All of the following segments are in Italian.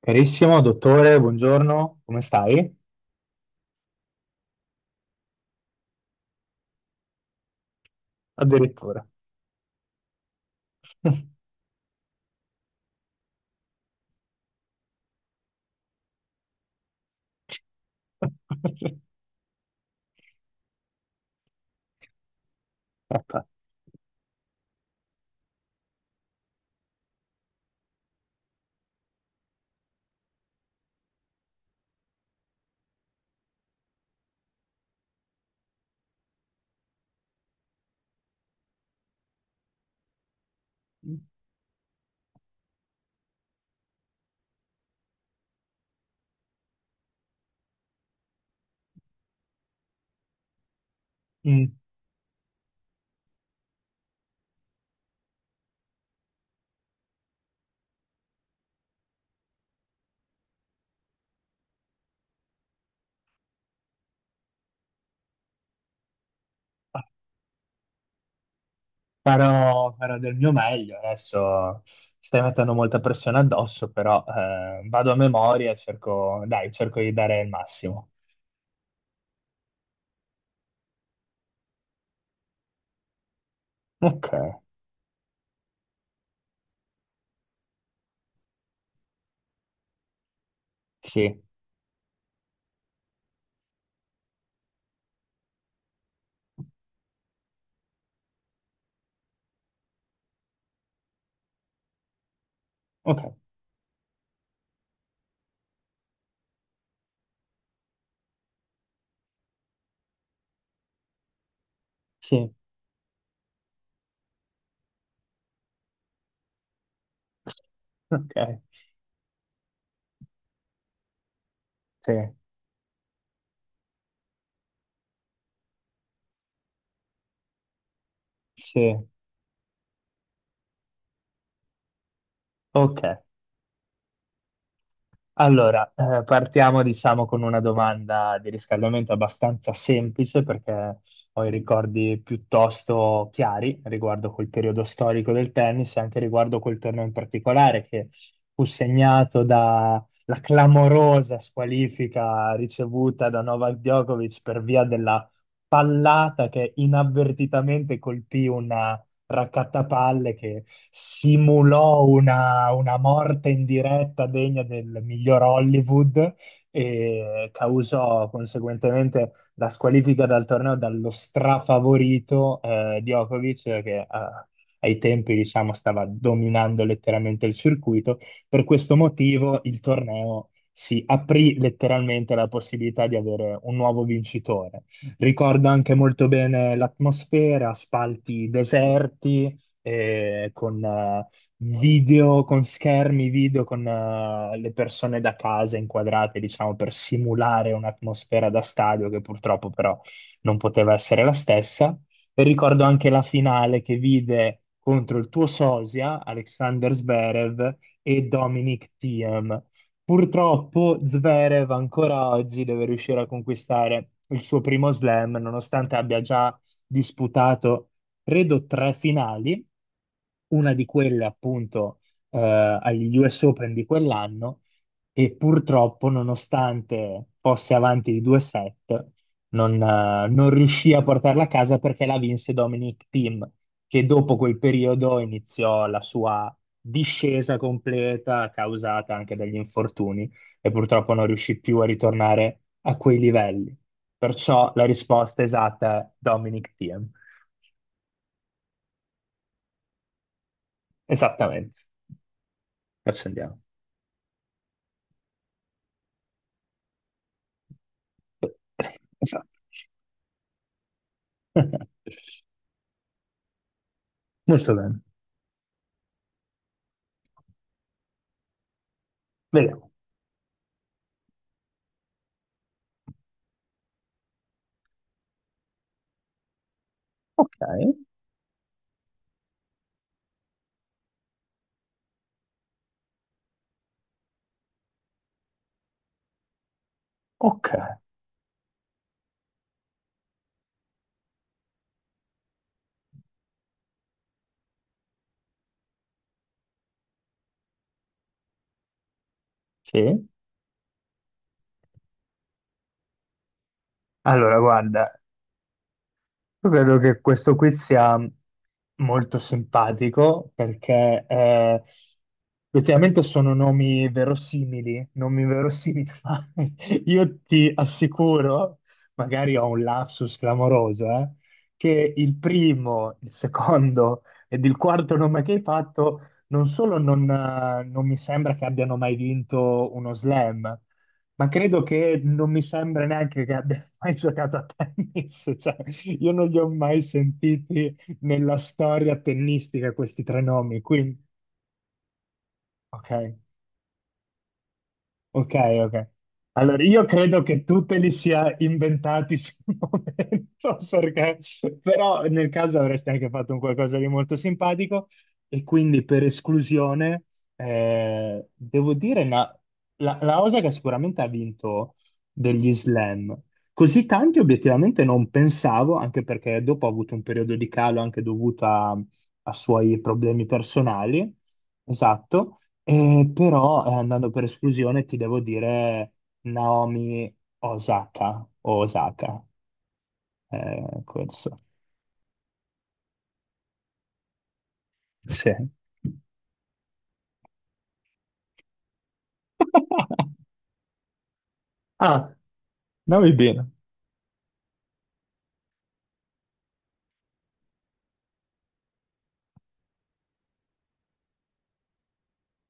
Carissimo dottore, buongiorno, come stai? Addirittura. Vabbè. Mm. Farò del mio meglio. Adesso stai mettendo molta pressione addosso, però vado a memoria e cerco, dai, cerco di dare il massimo. Ok. Sì. Ok. Sì. Ok. Sì, sì. Ok. Allora, partiamo diciamo con una domanda di riscaldamento abbastanza semplice perché ho i ricordi piuttosto chiari riguardo quel periodo storico del tennis e anche riguardo quel torneo in particolare che fu segnato dalla clamorosa squalifica ricevuta da Novak Djokovic per via della pallata che inavvertitamente colpì raccattapalle che simulò una morte in diretta degna del miglior Hollywood e causò conseguentemente la squalifica dal torneo dallo strafavorito Djokovic che ai tempi diciamo stava dominando letteralmente il circuito. Per questo motivo il torneo si aprì letteralmente la possibilità di avere un nuovo vincitore. Ricordo anche molto bene l'atmosfera, spalti deserti, con video, con schermi video, con le persone da casa inquadrate, diciamo, per simulare un'atmosfera da stadio che purtroppo però non poteva essere la stessa. E ricordo anche la finale che vide contro il tuo sosia, Alexander Zverev, e Dominic Thiem. Purtroppo Zverev ancora oggi deve riuscire a conquistare il suo primo slam, nonostante abbia già disputato, credo, tre finali, una di quelle appunto agli US Open di quell'anno, e purtroppo, nonostante fosse avanti di due set, non riuscì a portarla a casa perché la vinse Dominic Thiem, che dopo quel periodo iniziò la sua discesa completa causata anche dagli infortuni e purtroppo non riuscì più a ritornare a quei livelli. Perciò la risposta esatta è Dominic Thiem. Esattamente. Accendiamo. Esatto. Molto bene. Vediamo. Ok. Ok. Sì. Allora, guarda, io credo che questo quiz sia molto simpatico perché effettivamente sono nomi verosimili, ma io ti assicuro, magari ho un lapsus clamoroso, che il primo, il secondo ed il quarto nome che hai fatto non solo non mi sembra che abbiano mai vinto uno slam, ma credo che non mi sembra neanche che abbia mai giocato a tennis, cioè io non li ho mai sentiti nella storia tennistica questi tre nomi, quindi ok. Ok, ok. Allora, io credo che tu te li sia inventati sul momento, perché però nel caso avresti anche fatto un qualcosa di molto simpatico e quindi per esclusione devo dire la Osaka sicuramente ha vinto degli slam. Così tanti obiettivamente non pensavo, anche perché dopo ha avuto un periodo di calo anche dovuto a suoi problemi personali. Esatto. Però, andando per esclusione, ti devo dire Naomi Osaka o Osaka. Questo. Sì. Ah, Naomi bene.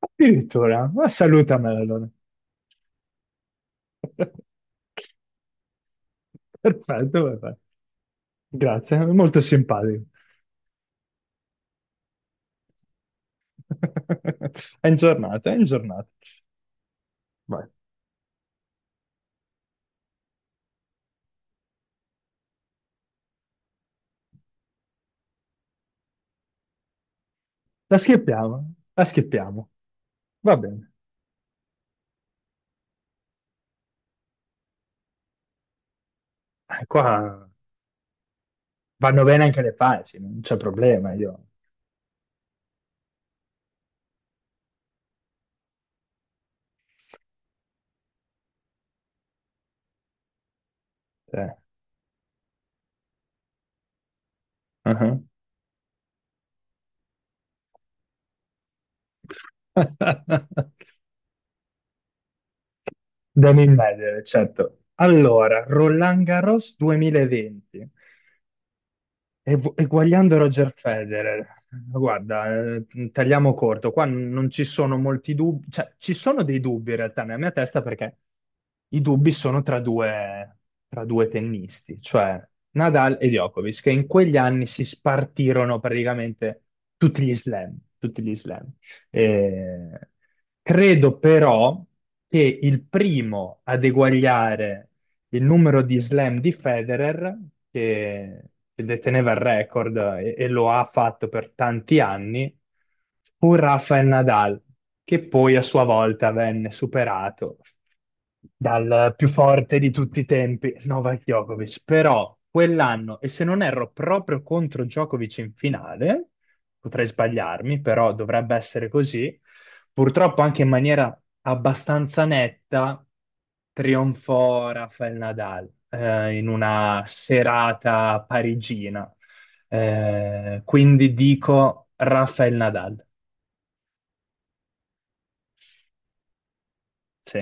Addirittura, ma salutamela allora. Perfetto, perfetto. Grazie, molto simpatico. È in giornata, è in giornata. Vai. La schippiamo, la schippiamo. Va bene. Qua vanno bene anche le facili, non c'è problema io. Eh. Devo immaginare, certo. Allora, Roland Garros 2020. E guagliando Roger Federer, guarda, tagliamo corto, qua non ci sono molti dubbi, cioè ci sono dei dubbi in realtà nella mia testa perché i dubbi sono tra due tennisti, cioè Nadal e Djokovic, che in quegli anni si spartirono praticamente tutti gli slam, tutti gli slam. Eh, credo però che il primo ad eguagliare il numero di slam di Federer, che, che deteneva il record e lo ha fatto per tanti anni, fu Rafael Nadal, che poi a sua volta venne superato dal più forte di tutti i tempi, Novak Djokovic. Però quell'anno, e se non erro proprio contro Djokovic in finale, potrei sbagliarmi, però dovrebbe essere così, purtroppo anche in maniera abbastanza netta, trionfò Rafael Nadal in una serata parigina. Quindi dico Rafael Nadal. Sì.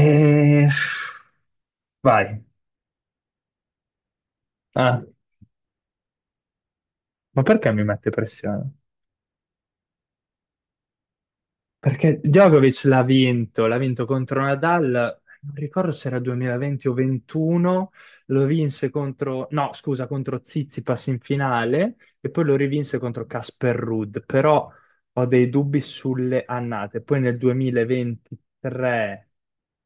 E- Vai. Ah, ma perché mi mette pressione? Perché Djokovic l'ha vinto contro Nadal, non ricordo se era 2020 o 21, lo vinse contro, no, scusa, contro Tsitsipas in finale e poi lo rivinse contro Casper Ruud, però ho dei dubbi sulle annate. Poi nel 2023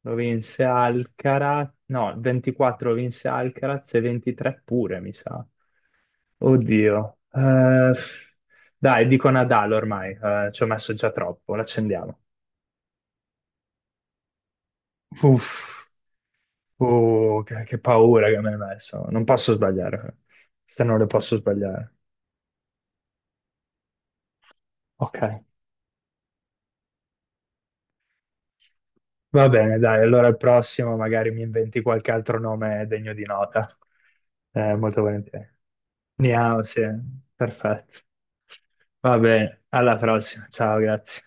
lo vinse Alcaraz, no, il 24 lo vinse Alcaraz e 23 pure, mi sa. Oddio. Dai, dico Nadal ormai, ci ho messo già troppo, l'accendiamo. Uff, oh, che paura che mi hai messo. Non posso sbagliare. Queste non le posso sbagliare. Ok. Va bene, dai, allora al prossimo magari mi inventi qualche altro nome degno di nota. Molto volentieri. Niao, sì, perfetto. Va bene, alla prossima. Ciao, grazie.